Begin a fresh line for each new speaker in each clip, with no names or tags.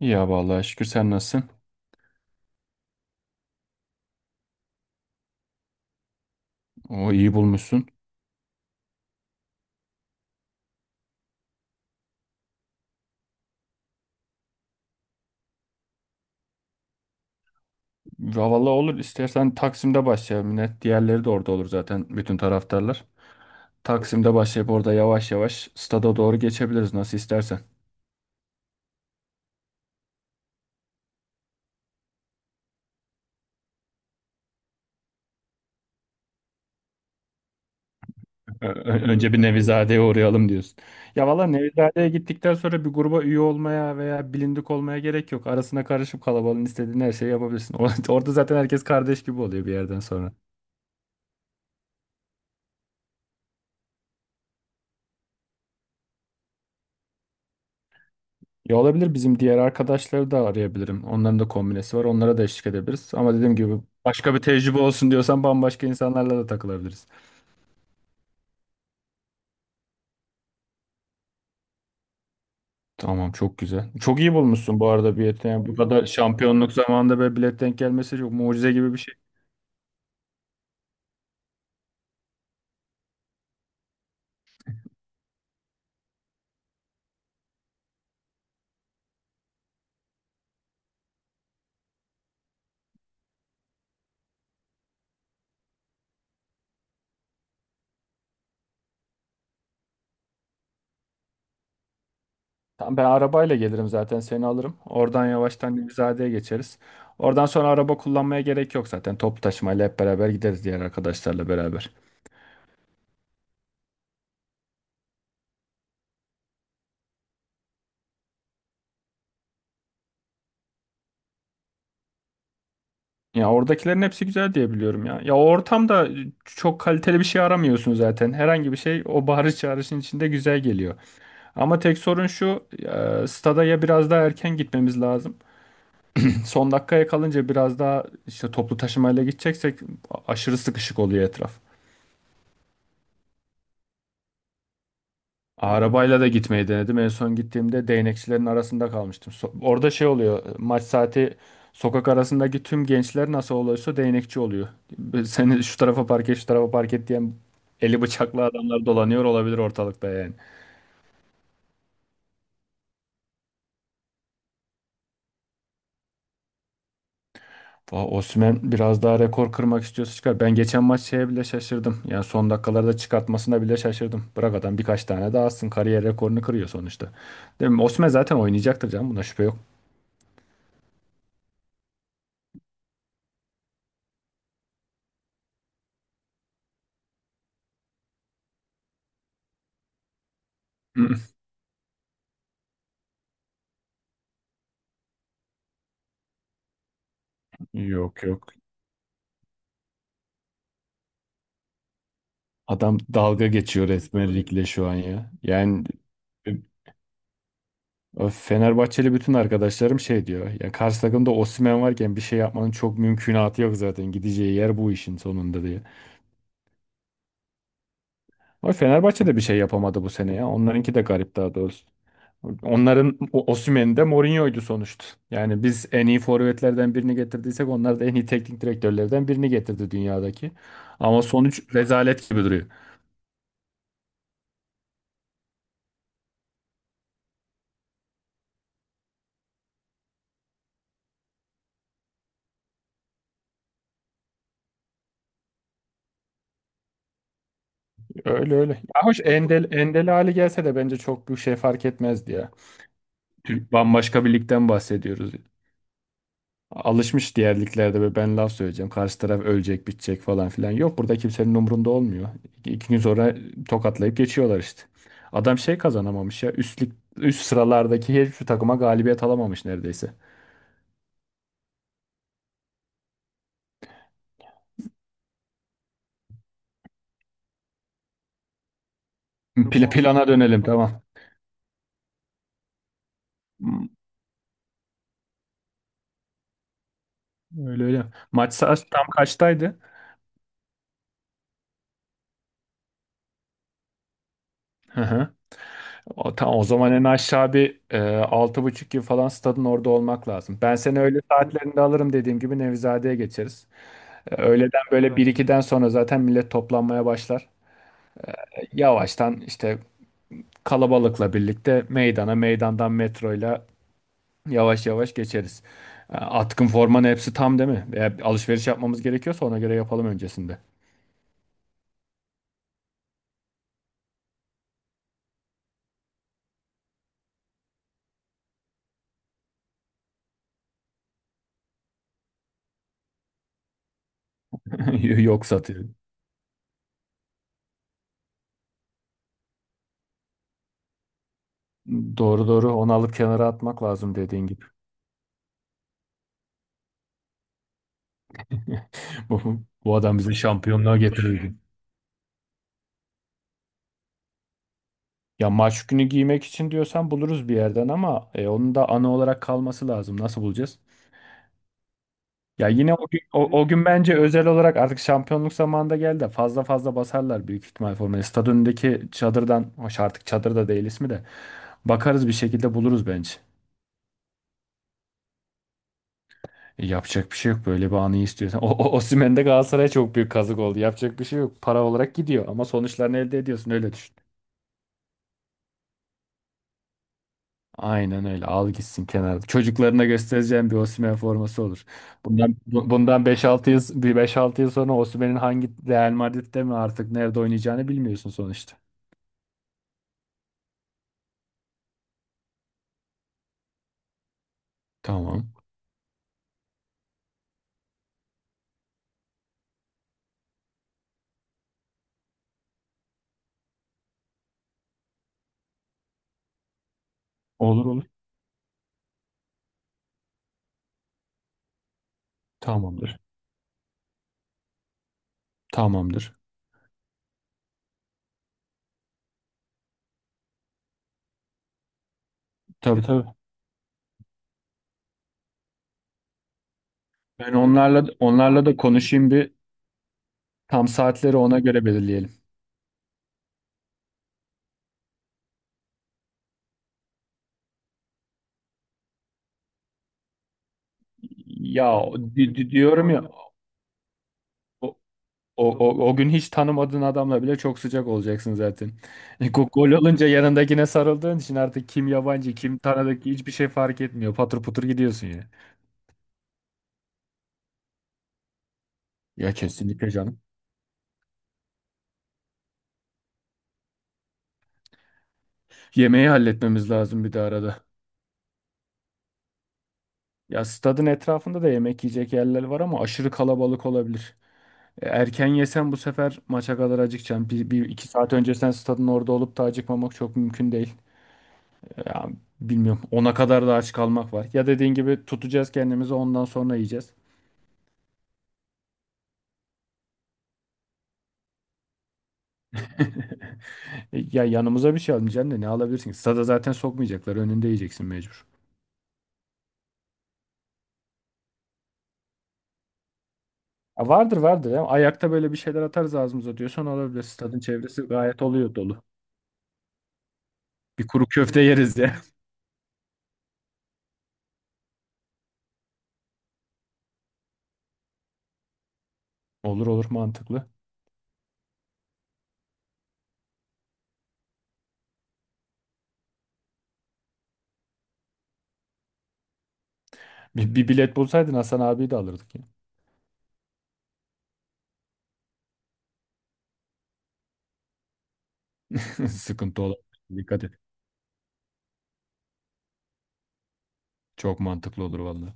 Ya vallahi şükür sen nasılsın? O iyi bulmuşsun. Ya vallahi olur istersen Taksim'de başlayalım. Yine diğerleri de orada olur zaten bütün taraftarlar. Taksim'de başlayıp orada yavaş yavaş stada doğru geçebiliriz nasıl istersen. Önce bir Nevizade'ye uğrayalım diyorsun. Ya valla Nevizade'ye gittikten sonra bir gruba üye olmaya veya bilindik olmaya gerek yok. Arasına karışıp kalabalığın istediğin her şeyi yapabilirsin. Orada zaten herkes kardeş gibi oluyor bir yerden sonra. Ya olabilir bizim diğer arkadaşları da arayabilirim. Onların da kombinesi var. Onlara da eşlik edebiliriz. Ama dediğim gibi başka bir tecrübe olsun diyorsan bambaşka insanlarla da takılabiliriz. Tamam çok güzel. Çok iyi bulmuşsun bu arada bileti. Yani bu kadar şampiyonluk zamanında böyle bilet denk gelmesi çok mucize gibi bir şey. Tamam ben arabayla gelirim zaten seni alırım. Oradan yavaştan Nevizade'ye geçeriz. Oradan sonra araba kullanmaya gerek yok zaten. Toplu taşımayla hep beraber gideriz diğer arkadaşlarla beraber. Ya oradakilerin hepsi güzel diye biliyorum ya. Ya o ortamda çok kaliteli bir şey aramıyorsun zaten. Herhangi bir şey o bağırış çağrışın içinde güzel geliyor. Ama tek sorun şu, stada ya biraz daha erken gitmemiz lazım. Son dakikaya kalınca biraz daha işte toplu taşımayla gideceksek aşırı sıkışık oluyor etraf. Arabayla da gitmeyi denedim. En son gittiğimde değnekçilerin arasında kalmıştım. Orada şey oluyor. Maç saati sokak arasındaki tüm gençler nasıl oluyorsa değnekçi oluyor. Seni şu tarafa park et, şu tarafa park et diyen eli bıçaklı adamlar dolanıyor olabilir ortalıkta yani. Osimhen biraz daha rekor kırmak istiyorsa çıkar. Ben geçen maç şeye bile şaşırdım. Yani son dakikalarda çıkartmasına bile şaşırdım. Bırak adam birkaç tane daha atsın. Kariyer rekorunu kırıyor sonuçta. Değil mi? Osimhen zaten oynayacaktır canım. Buna şüphe yok. Yok yok. Adam dalga geçiyor resmen ligle şu an ya. Yani e, Fenerbahçeli bütün arkadaşlarım şey diyor. Ya karşı takımda Osimhen varken bir şey yapmanın çok mümkünatı yok zaten. Gideceği yer bu işin sonunda diye. Ama Fenerbahçe de bir şey yapamadı bu sene ya. Onlarınki de garip daha doğrusu. Onların Osimhen de Mourinho'ydu sonuçta. Yani biz en iyi forvetlerden birini getirdiysek onlar da en iyi teknik direktörlerden birini getirdi dünyadaki. Ama sonuç rezalet gibi duruyor. Öyle öyle. Ya hoş Endel hali gelse de bence çok bir şey fark etmezdi ya. Bambaşka bir ligden bahsediyoruz. Alışmış diğer liglerde ve ben laf söyleyeceğim. Karşı taraf ölecek, bitecek falan filan. Yok burada kimsenin umurunda olmuyor. İki gün sonra tokatlayıp geçiyorlar işte. Adam şey kazanamamış ya. Üst sıralardaki hiçbir takıma galibiyet alamamış neredeyse. Plana dönelim tamam. Hmm, Öyle öyle. Maç saat tam kaçtaydı? Hı hı. O, tamam o zaman en aşağı bir altı buçuk gibi falan stadın orada olmak lazım. Ben seni öğle saatlerinde alırım dediğim gibi Nevizade'ye geçeriz. Öğleden böyle bir 1-2'den sonra zaten millet toplanmaya başlar. Yavaştan işte kalabalıkla birlikte meydana meydandan metroyla yavaş yavaş geçeriz. Atkın formanın hepsi tam değil mi? Veya bir alışveriş yapmamız gerekiyorsa ona göre yapalım öncesinde. Yok satıyor. Doğru doğru onu alıp kenara atmak lazım dediğin gibi. Bu adam bizi şampiyonluğa getirirdi. Ya maç günü giymek için diyorsan buluruz bir yerden ama onun da ana olarak kalması lazım. Nasıl bulacağız? Ya yine o gün, o gün bence özel olarak artık şampiyonluk zamanında geldi de fazla fazla basarlar büyük ihtimal formayı. Stad önündeki çadırdan, hoş artık çadır da değil ismi de bakarız bir şekilde buluruz bence. Yapacak bir şey yok böyle bir anı istiyorsan. O Osimhen de Galatasaray'a çok büyük kazık oldu. Yapacak bir şey yok. Para olarak gidiyor ama sonuçlarını elde ediyorsun öyle düşün. Aynen öyle. Al gitsin kenarda. Çocuklarına göstereceğim bir Osimhen forması olur. Bundan beş altı yıl bir beş altı yıl sonra Osimhen'in hangi Real Madrid'de mi artık nerede oynayacağını bilmiyorsun sonuçta. Tamam. Olur olur. Tamamdır. Tamamdır. Tabii tabii. Ben onlarla da konuşayım bir tam saatleri ona göre belirleyelim. Ya diyorum ya o, o gün hiç tanımadığın adamla bile çok sıcak olacaksın zaten. Gol olunca yanındakine sarıldığın için artık kim yabancı kim tanıdık hiçbir şey fark etmiyor. Patır putur gidiyorsun ya. Ya kesinlikle canım. Yemeği halletmemiz lazım bir de arada. Ya stadın etrafında da yemek yiyecek yerler var ama aşırı kalabalık olabilir. Erken yesen bu sefer maça kadar acıkacaksın. Bir iki saat öncesinden stadın orada olup da acıkmamak çok mümkün değil. E, Ya, Bilmiyorum. Ona kadar da aç kalmak var. Ya dediğin gibi tutacağız kendimizi ondan sonra yiyeceğiz. Ya yanımıza bir şey almayacaksın da ne alabilirsin? Ki? Stada zaten sokmayacaklar. Önünde yiyeceksin mecbur. Ya vardır vardır. Ya. Ayakta böyle bir şeyler atarız ağzımıza diyorsan olabilir. Stadın çevresi gayet oluyor dolu. Bir kuru köfte yeriz ya. Olur olur mantıklı. Bir bilet bulsaydın Hasan abiyi de alırdık ya. Sıkıntı olur. Dikkat et. Çok mantıklı olur vallahi.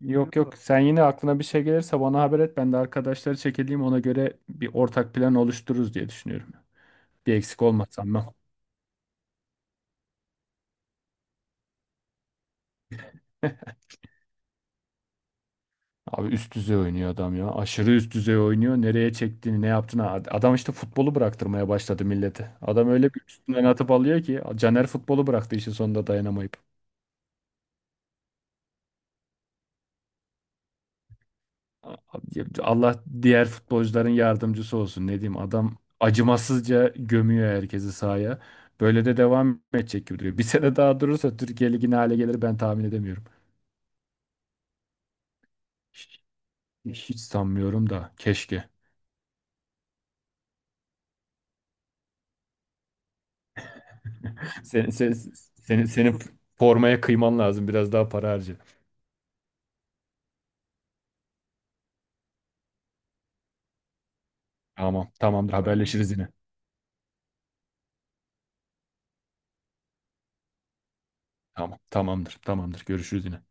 Yok yok sen yine aklına bir şey gelirse bana haber et. Ben de arkadaşları çekileyim ona göre bir ortak plan oluştururuz diye düşünüyorum. Bir eksik olmazsam ben. Abi üst düzey oynuyor adam ya. Aşırı üst düzey oynuyor. Nereye çektiğini, ne yaptığını. Adam işte futbolu bıraktırmaya başladı millete. Adam öyle bir üstünden atıp alıyor ki. Caner futbolu bıraktı işin sonunda dayanamayıp. A- Allah diğer futbolcuların yardımcısı olsun. Ne diyeyim adam acımasızca gömüyor herkesi sahaya. Böyle de devam edecek gibi duruyor. Bir sene daha durursa Türkiye ligine hale gelir ben tahmin edemiyorum. Hiç, hiç sanmıyorum da keşke. Senin, senin, senin formaya kıyman lazım. Biraz daha para harca. Tamam, tamamdır. Haberleşiriz yine. Tamam, tamamdır. Görüşürüz yine.